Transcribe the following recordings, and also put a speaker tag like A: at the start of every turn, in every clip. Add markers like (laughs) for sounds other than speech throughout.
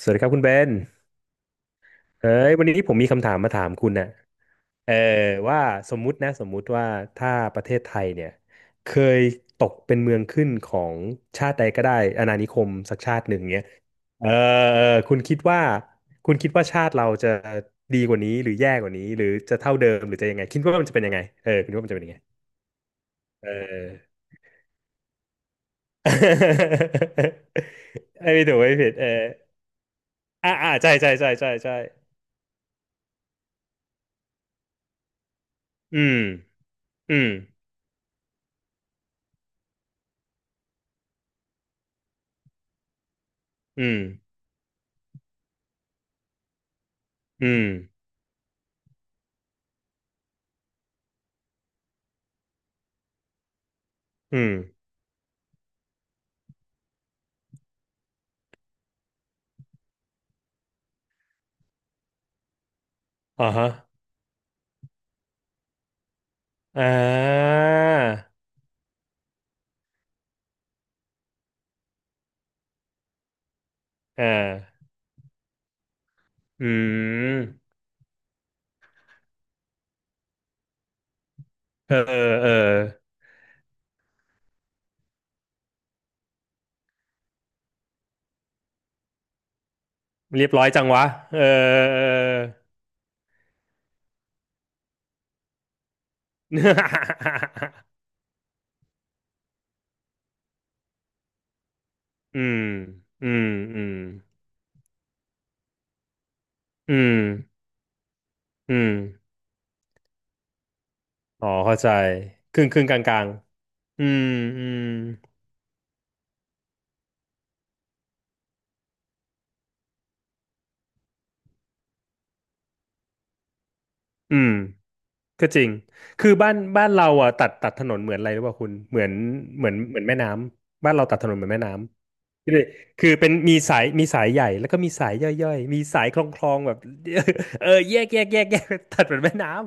A: สวัสดีครับคุณเบนเอ้ยวันนี้ผมมีคำถามมาถามคุณนะเออว่าสมมุตินะสมมุติว่าถ้าประเทศไทยเนี่ยเคยตกเป็นเมืองขึ้นของชาติใดก็ได้อาณานิคมสักชาติหนึ่งเนี้ยเออเออคุณคิดว่าคุณคิดว่าชาติเราจะดีกว่านี้หรือแย่กว่านี้หรือจะเท่าเดิมหรือจะยังไงคิดว่ามันจะเป็นยังไงเออคุณคิดว่ามันจะเป็นยังไงเออ (laughs) ไม่ถูกไม่ผิดเอออ่าอ่าใช่ใช่ใช่ใช่ใช่อืมอืมอืม อืม อืมอ่าฮะอ่าอ่าอืมเออเออเรียบร้อยจังวะเออเออ (laughs) อืมอืมอืมอืมอืมอ๋อเข้าใจครึ่งครึ่งกลางกลางๆอืมอืมอืม ก็จริง คือบ้านเราอ่ะตัดถนนเหมือนอะไรหรือเปล่าคุณเหมือนแม่น้ำบ้านเราตัดถนนเหมือนแม่น้ำคือเป็นมีสายใหญ่แล้วก็มีสายย่อยๆมีสายคลองแบบ (laughs) เออแยก (laughs) ตัดเหมือนแม่น้ำ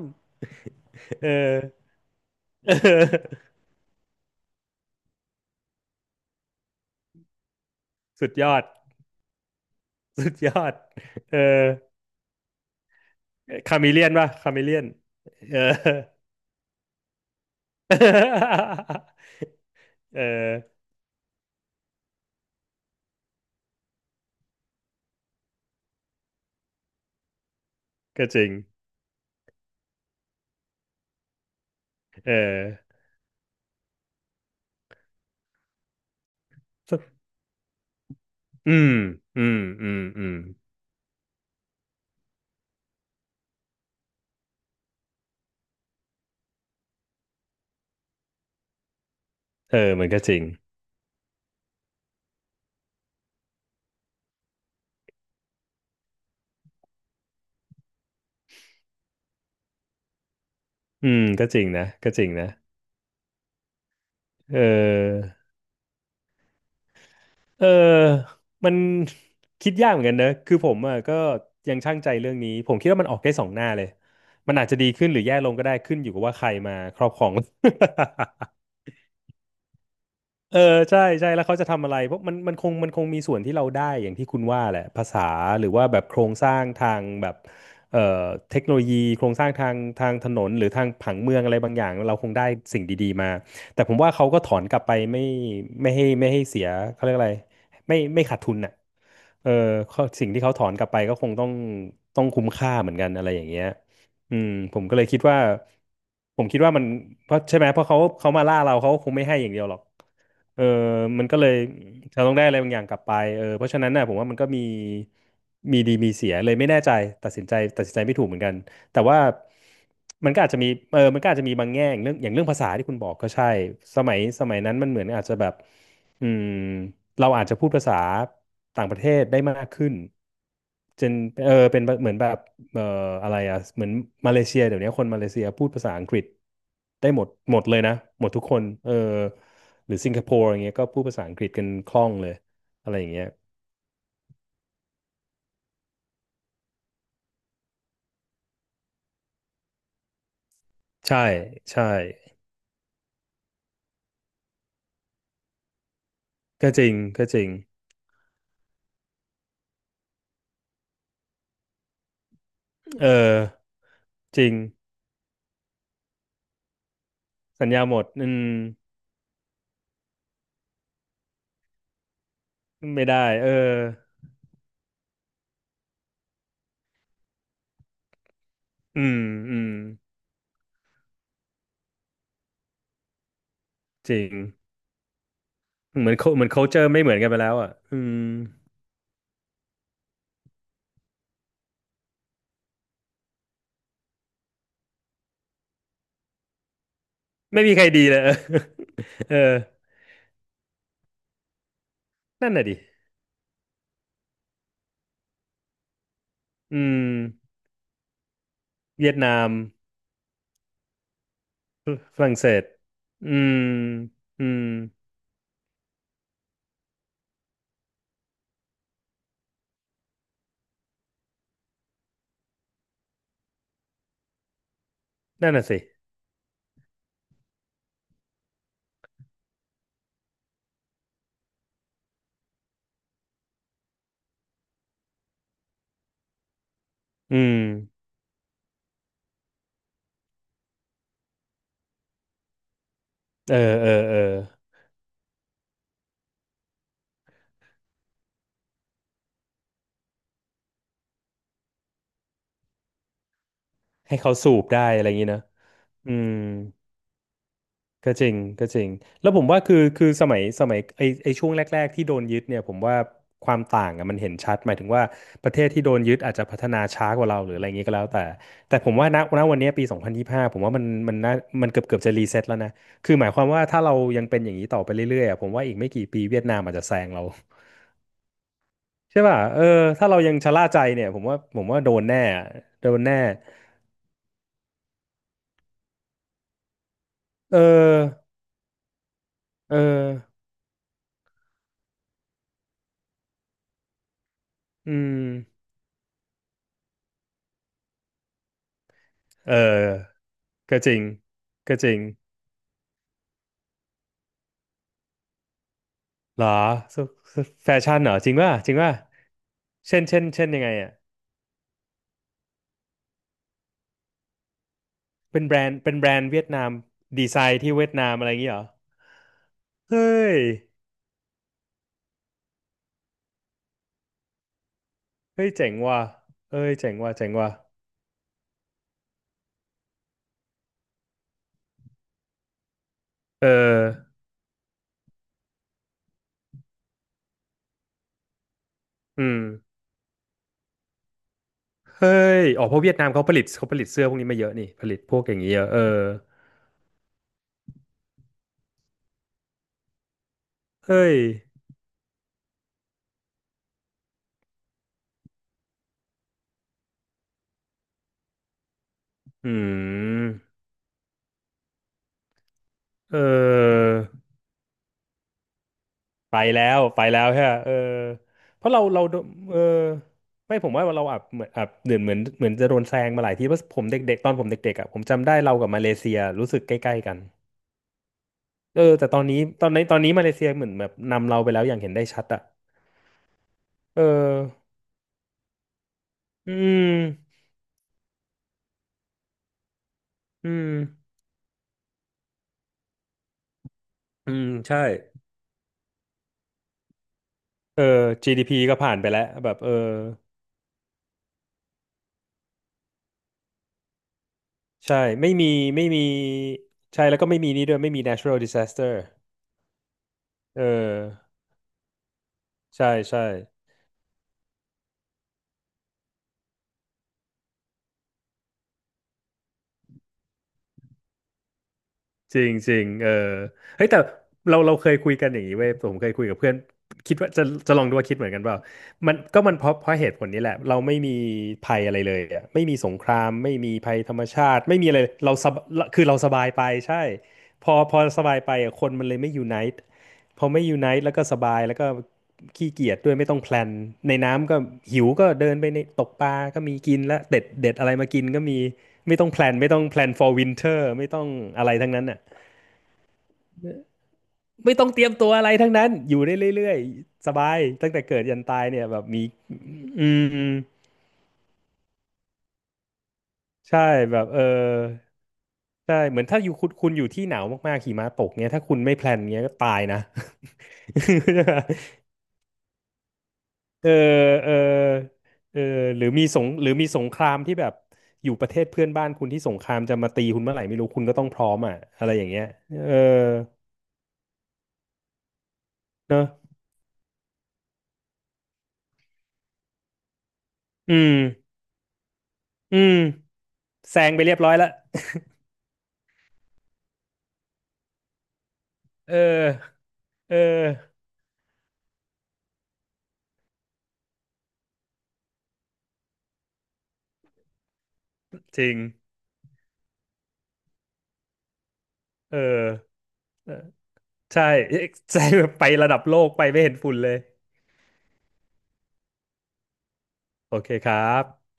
A: (laughs) เออ (laughs) เออสุดยอดสุดยอดเออคามิเลียนป่ะคามิเลียนเออ (laughs) เออก็จริงเอออืมอืมอืมอืม เออมันก็จริง อืมก็จริงนะก็จริงนะเออเออมันคิดยากเหมือนกันนะคือผมอ่ะก็ยังชั่งใจเรื่องนี้ผมคิดว่ามันออกได้สองหน้าเลยมันอาจจะดีขึ้นหรือแย่ลงก็ได้ขึ้นอยู่กับว่าใครมาครอบครอง (laughs) เออใช่ใช่แล้วเขาจะทำอะไรเพราะมันคงมีส่วนที่เราได้อย่างที่คุณว่าแหละภาษาหรือว่าแบบโครงสร้างทางแบบเอ่อเทคโนโลยีโครงสร้างทางทางถนนหรือทางผังเมืองอะไรบางอย่างเราคงได้สิ่งดีๆมาแต่ผมว่าเขาก็ถอนกลับไปไม่ให้ไม่ให้เสียเขาเรียกอะไรไม่ขาดทุนน่ะเออเขาสิ่งที่เขาถอนกลับไปก็คงต้องคุ้มค่าเหมือนกันอะไรอย่างเงี้ย อืมผมก็เลยคิดว่าผมคิดว่ามันเพราะใช่ไหมเพราะเขามาล่าเราเขาคงไม่ให้อย่างเดียวหรอกเออมันก็เลยเราต้องได้อะไรบางอย่างกลับไปเออเพราะฉะนั้นน่ะผมว่ามันก็มีมีดีมีเสียเลยไม่แน่ใจตัดสินใจไม่ถูกเหมือนกันแต่ว่ามันก็อาจจะมีเออมันก็อาจจะมีบางแง่อย่างเรื่องอย่างเรื่องภาษาที่คุณบอกก็ใช่สมัยนั้นมันเหมือนอาจจะแบบอืมเราอาจจะพูดภาษาต่างประเทศได้มากขึ้นจนเออเป็นเหมือนแบบ เอ่ออะไรอ่ะเหมือนมาเลเซียเดี๋ยวนี้คนมาเลเซียพูดภาษาอังกฤษได้หมดหมดเลยนะหมดทุกคนเออหรือสิงคโปร์อย่างเงี้ยก็พูดภาษาอังกฤษกันคล่องเลยอะไรอย่างเงี้ยใช่ใช่ก็จริงก็จริงเออจริงสัญญาหมดอืมไม่ได้เอออืมอืมจริงเหมือน เหมือน culture ไม่เหมือนกันไปแล้วอ่ะอืมไม่มีใครดีเลย (laughs) เออนั่นน่ะดิอืมเวียดนาม (laughs) ฝรั่งเศสอืมอืม นั่นน่ะสิอืมเออเออเออให้เขาสูบได้อะไรอย่างนี้นะ อืม ก็จริง ก็จริง แล้วผมว่าคือคือสมัย สมัยไอไอช่วงแรกๆที่โดนยึดเนี่ยผมว่าความต่างอะมันเห็นชัดหมายถึงว่าประเทศที่โดนยึดอาจจะพัฒนาช้ากว่าเราหรืออะไรอย่างนี้ก็แล้วแต่ แต่ผมว่าณณวันนี้ปี2025ผมว่ามันน่ามันเกือบจะรีเซ็ตแล้วนะคือหมายความว่าถ้าเรายังเป็นอย่างนี้ต่อไปเรื่อยๆอะผมว่าอีกไม่กี่ปีเวียดนามอาจจะแซงเรา ใช่ป่ะเออถ้าเรายังชะล่าใจเนี่ยผมว่าโดนแน่อะโดนแน่เออเอออืมเออก็จริงก็จริงเหรอสสแฟชั่นเหรอจริงป่ะจริงป่ะเช่นเช่นเช่นยังไงอ่ะเป็นแบรนด์เวียดนามดีไซน์ที่เวียดนามอะไรอย่างงี้เหรอเฮ้ยเฮ้ยเจ๋งว่ะเฮ้ยเจ๋งว่ะเจ๋งว่ะเอออืมเฮ้ยอ๋อเพราะเวียดนามเขาผลิตเสื้อพวกนี้มาเยอะนี่ผลิตพวกอย่างนี้เยอะเออ เฮ้ยอืมเออ ไปแล้วใช่ปะเออเพราะเราเออไม่ผมว่าเราอับเหมือนอับเหมือนเหมือนเหมือนจะโดนแซงมาหลายทีเพราะผมเด็กๆตอนผมเด็กๆอ่ะผมจำได้เรากับมาเลเซียรู้สึกใกล้ๆกันเออแต่ตอนนี้ตอนนี้มาเลเซียเหมือนแบบนำเราไปแล้วอย่างเห็นได้ชัดอ่ะเอออืมอืมอืมใช่เออ GDP ก็ผ่านไปแล้วแบบเออใช่ไม่มีไม่มีใช่แล้วก็ไม่มีนี่ด้วยไม่มี natural disaster เออใช่ใช่จริงจริงเออเฮ้ยแต่เราเคยคุยกันอย่างนี้เว้ยผมเคยคุยกับเพื่อนคิดว่าจะจะลองดูว่าคิดเหมือนกันเปล่ามันก็มันเพราะเหตุผลนี้แหละเราไม่มีภัยอะไรเลยอะไม่มีสงครามไม่มีภัยธรรมชาติไม่มีอะไรเลยเราสบคือเราสบายไปใช่พอพอสบายไปอะคนมันเลยไม่ยูไนต์ พอไม่ยูไนต์แล้วก็สบายแล้วก็ขี้เกียจด้วยไม่ต้องแพลนในน้ำก็หิวก็เดินไปในตกปลาก็มีกินและเด็ดเด็ดอะไรมากินก็มีไม่ต้องแพลนไม่ต้องแพลน for winter ไม่ต้องอะไรทั้งนั้นอ่ะไม่ต้องเตรียมตัวอะไรทั้งนั้นอยู่ได้เรื่อยๆสบายตั้งแต่เกิดยันตายเนี่ยแบบมีอืมใช่แบบเออใช่เหมือนถ้าอยู่คุณคุณอยู่ที่หนาวมากๆหิมะตกเงี้ยถ้าคุณไม่แพลนเงี้ยก็ตายนะ (laughs) เออเออเออหรือมีสงหรือมีสงครามที่แบบอยู่ประเทศเพื่อนบ้านคุณที่สงครามจะมาตีคุณเมื่อไหร่ไม่รู้คุณก็ต้องพร้อมอ่ะอะไรอย่างเงี้ยเออเนอะอืมอืมแซงไปเรียบร้อยละเออเออจริงเออเออใช่ (laughs) แซงแบบไประดับโลกไปไม่เห็นฝุ่นเลยโอเคครับ